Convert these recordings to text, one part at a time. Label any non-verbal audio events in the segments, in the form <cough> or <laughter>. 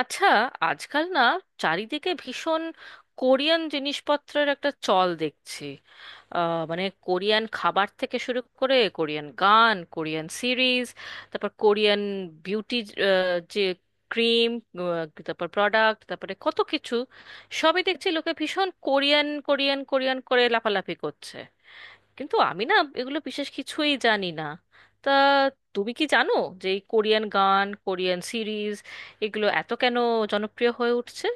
আচ্ছা, আজকাল না চারিদিকে ভীষণ কোরিয়ান জিনিসপত্রের একটা চল দেখছি। আহ, মানে কোরিয়ান খাবার থেকে শুরু করে কোরিয়ান গান, কোরিয়ান সিরিজ, তারপর কোরিয়ান বিউটি, যে ক্রিম, তারপর প্রোডাক্ট, তারপরে কত কিছু, সবই দেখছি। লোকে ভীষণ কোরিয়ান কোরিয়ান কোরিয়ান করে লাফালাফি করছে, কিন্তু আমি না এগুলো বিশেষ কিছুই জানি না। তা তুমি কি জানো যে এই কোরিয়ান গান, কোরিয়ান সিরিজ, এগুলো এত কেন জনপ্রিয় হয়ে উঠছে?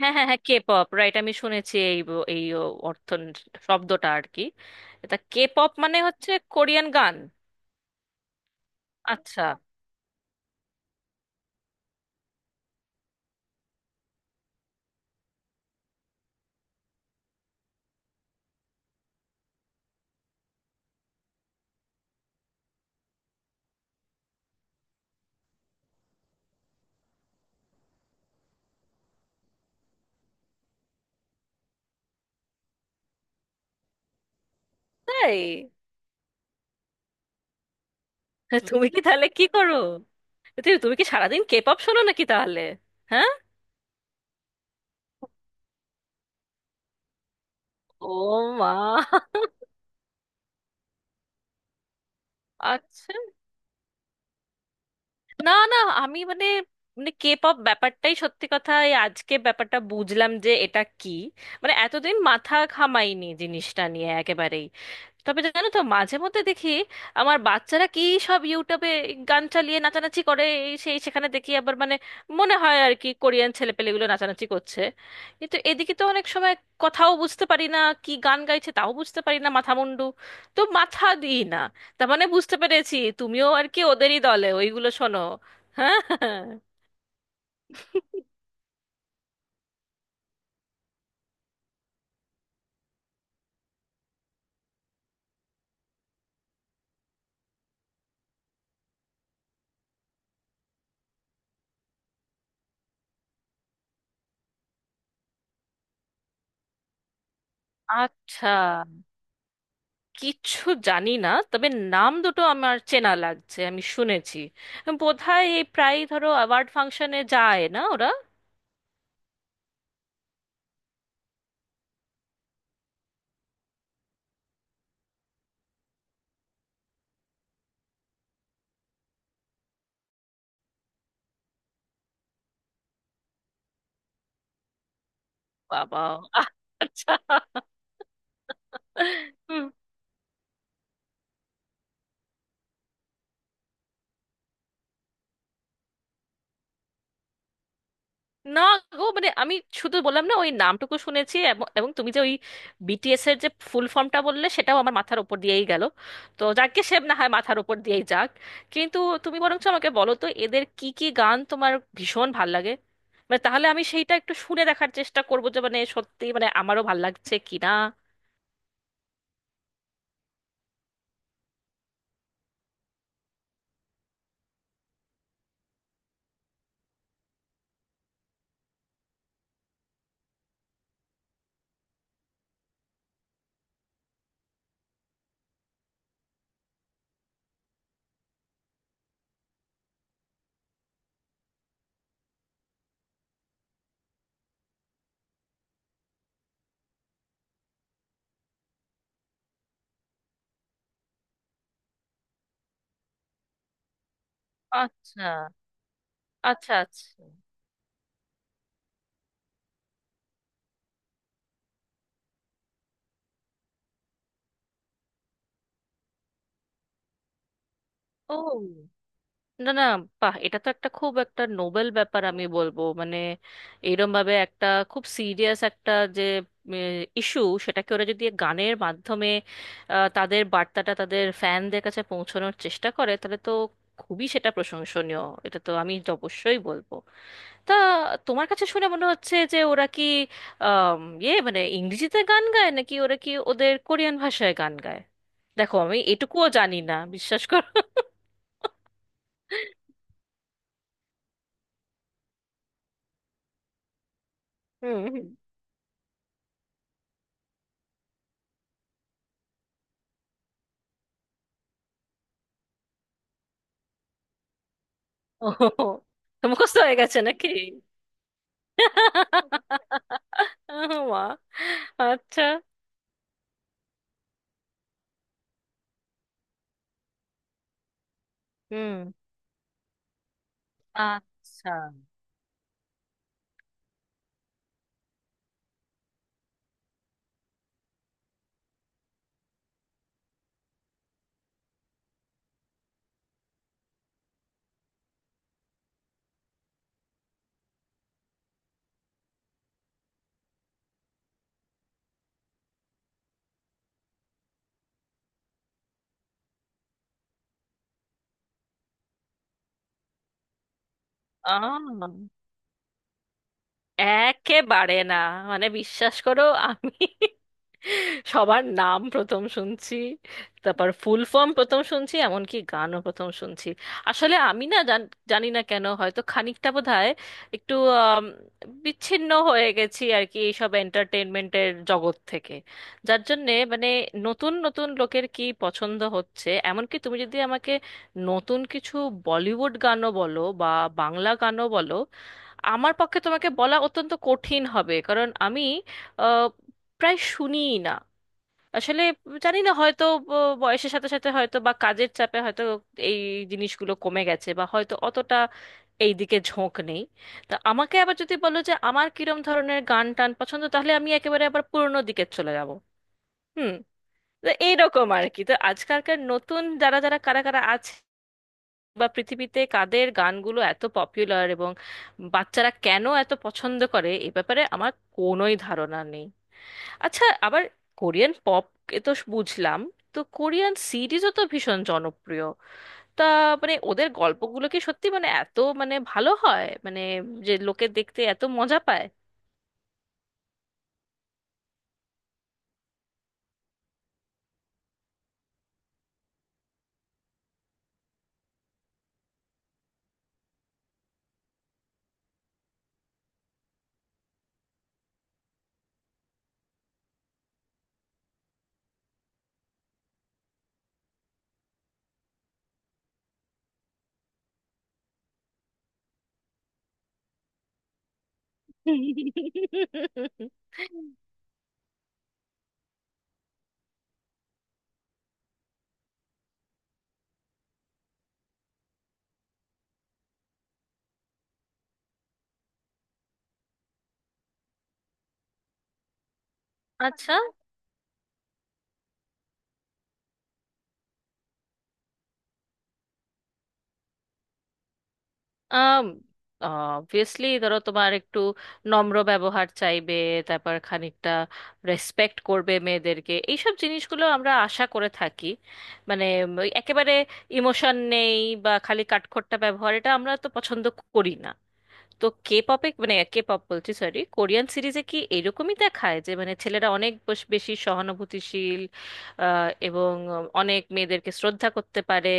হ্যাঁ হ্যাঁ হ্যাঁ, কে পপ, রাইট? আমি শুনেছি এই এই অর্থ শব্দটা আর কি। এটা কে পপ মানে হচ্ছে কোরিয়ান গান। আচ্ছা। তাই? তুমি কি তাহলে কি করো? তুমি তুমি কি সারাদিন কে পপ শোনো নাকি তাহলে? হ্যাঁ। ও মা। আচ্ছা। না না, আমি মানে, মানে কে পপ ব্যাপারটাই, সত্যি কথা, এই আজকে ব্যাপারটা বুঝলাম যে এটা কি। মানে এতদিন মাথা ঘামাইনি জিনিসটা নিয়ে একেবারেই। তবে জানো তো মাঝে মধ্যে দেখি আমার বাচ্চারা কি সব ইউটিউবে গান চালিয়ে নাচানাচি করে এই সেই, সেখানে দেখি আবার মানে মনে হয় আর কি কোরিয়ান ছেলেপেলেগুলো নাচানাচি করছে। কিন্তু এদিকে তো অনেক সময় কথাও বুঝতে পারি না, কি গান গাইছে তাও বুঝতে পারি না, মাথা মুন্ডু তো মাথা দিই না। তার মানে বুঝতে পেরেছি তুমিও আর কি ওদেরই দলে, ওইগুলো শোনো। হ্যাঁ। আচ্ছা, কিচ্ছু জানি না, তবে নাম দুটো আমার চেনা লাগছে, আমি শুনেছি বোধহয় এই প্রায় ধরো অ্যাওয়ার্ড ফাংশনে যায় না ওরা? বাবা। আচ্ছা। না গো, মানে আমি শুধু বললাম না ওই নামটুকু শুনেছি। এবং এবং তুমি যে ওই বিটিএস এর যে ফুল ফর্মটা বললে সেটাও আমার মাথার উপর দিয়েই গেল। তো যাকে সে না হয় মাথার উপর দিয়েই যাক, কিন্তু তুমি বরঞ্চ আমাকে বলো তো এদের কি কি গান তোমার ভীষণ ভাল লাগে। মানে তাহলে আমি সেইটা একটু শুনে দেখার চেষ্টা করবো যে মানে সত্যি মানে আমারও ভাল লাগছে কিনা। আচ্ছা আচ্ছা। আচ্ছা। ও না না, বাহ, এটা তো একটা খুব একটা নোবেল ব্যাপার, আমি বলবো মানে এইরকম ভাবে একটা খুব সিরিয়াস একটা যে ইস্যু, সেটাকে ওরা যদি গানের মাধ্যমে তাদের বার্তাটা তাদের ফ্যানদের কাছে পৌঁছানোর চেষ্টা করে, তাহলে তো খুবই সেটা প্রশংসনীয়, এটা তো আমি তো অবশ্যই বলবো। তা তোমার কাছে শুনে মনে হচ্ছে যে ওরা কি ইয়ে মানে ইংরেজিতে গান গায় নাকি ওরা কি ওদের কোরিয়ান ভাষায় গান গায়? দেখো আমি এটুকুও জানি না, বিশ্বাস করো। হুম হুম। ও, মুখস্থ হয়ে গেছে নাকি? ও মা। আচ্ছা। হুম। আচ্ছা। আ একেবারে না, মানে বিশ্বাস করো, আমি সবার নাম প্রথম শুনছি, তারপর ফুল ফর্ম প্রথম শুনছি, এমনকি গানও প্রথম শুনছি। আসলে আমি না জানি না কেন, হয়তো খানিকটা বোধহয় একটু আম, বিচ্ছিন্ন হয়ে গেছি আর কি এইসব এন্টারটেনমেন্টের জগৎ থেকে। যার জন্যে মানে নতুন নতুন লোকের কি পছন্দ হচ্ছে, এমনকি তুমি যদি আমাকে নতুন কিছু বলিউড গানও বলো বা বাংলা গানও বলো, আমার পক্ষে তোমাকে বলা অত্যন্ত কঠিন হবে, কারণ আমি আহ, প্রায় শুনিই না আসলে। জানি না, হয়তো বয়সের সাথে সাথে, হয়তো বা কাজের চাপে, হয়তো এই জিনিসগুলো কমে গেছে, বা হয়তো অতটা এই দিকে ঝোঁক নেই। তা আমাকে আবার যদি বলো যে আমার কিরম ধরনের গান টান পছন্দ, তাহলে আমি একেবারে আবার পুরোনো দিকে চলে যাব। হুম। তো এইরকম আর কি, তো আজকালকার নতুন যারা যারা, কারা কারা আছে বা পৃথিবীতে কাদের গানগুলো এত পপুলার এবং বাচ্চারা কেন এত পছন্দ করে, এ ব্যাপারে আমার কোনোই ধারণা নেই। আচ্ছা, আবার কোরিয়ান পপ এ তো বুঝলাম, তো কোরিয়ান সিরিজও তো ভীষণ জনপ্রিয়। তা মানে ওদের গল্পগুলো কি সত্যি মানে এত মানে ভালো হয় মানে যে লোকে দেখতে এত মজা পায়? <laughs> আচ্ছা। আম অবভিয়াসলি ধরো তোমার একটু নম্র ব্যবহার চাইবে, তারপর খানিকটা রেসপেক্ট করবে মেয়েদেরকে, এইসব জিনিসগুলো আমরা আশা করে থাকি। মানে ওই একেবারে ইমোশন নেই বা খালি কাঠখোট্টা ব্যবহার, এটা আমরা তো পছন্দ করি না। তো কে পপে মানে কে পপ বলছি, সরি, কোরিয়ান সিরিজে কি এরকমই দেখায় যে মানে ছেলেরা অনেক বেশি সহানুভূতিশীল এবং অনেক মেয়েদেরকে শ্রদ্ধা করতে পারে?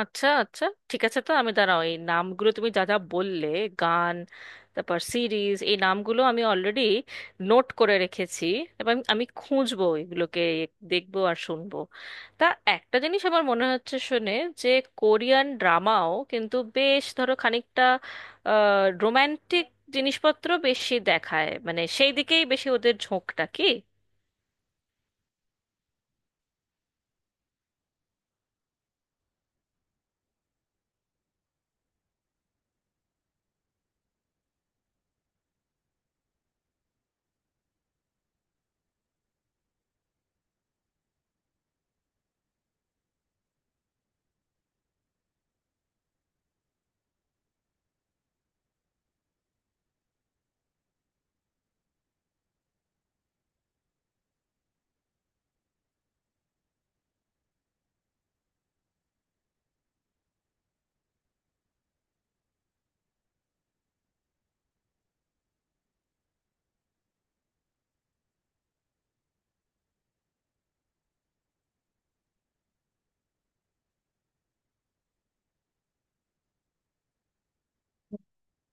আচ্ছা আচ্ছা, ঠিক আছে, তো আমি দাঁড়াও এই নামগুলো তুমি যা যা বললে গান, তারপর সিরিজ, এই নামগুলো আমি অলরেডি নোট করে রেখেছি এবং আমি খুঁজবো এগুলোকে, দেখবো আর শুনবো। তা একটা জিনিস আমার মনে হচ্ছে শুনে যে কোরিয়ান ড্রামাও কিন্তু বেশ ধরো খানিকটা রোম্যান্টিক জিনিসপত্র বেশি দেখায়, মানে সেই দিকেই বেশি ওদের ঝোঁকটা কি?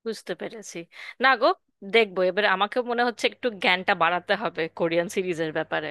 বুঝতে পেরেছি। না গো, দেখবো, এবার আমাকে মনে হচ্ছে একটু জ্ঞানটা বাড়াতে হবে কোরিয়ান সিরিজের ব্যাপারে।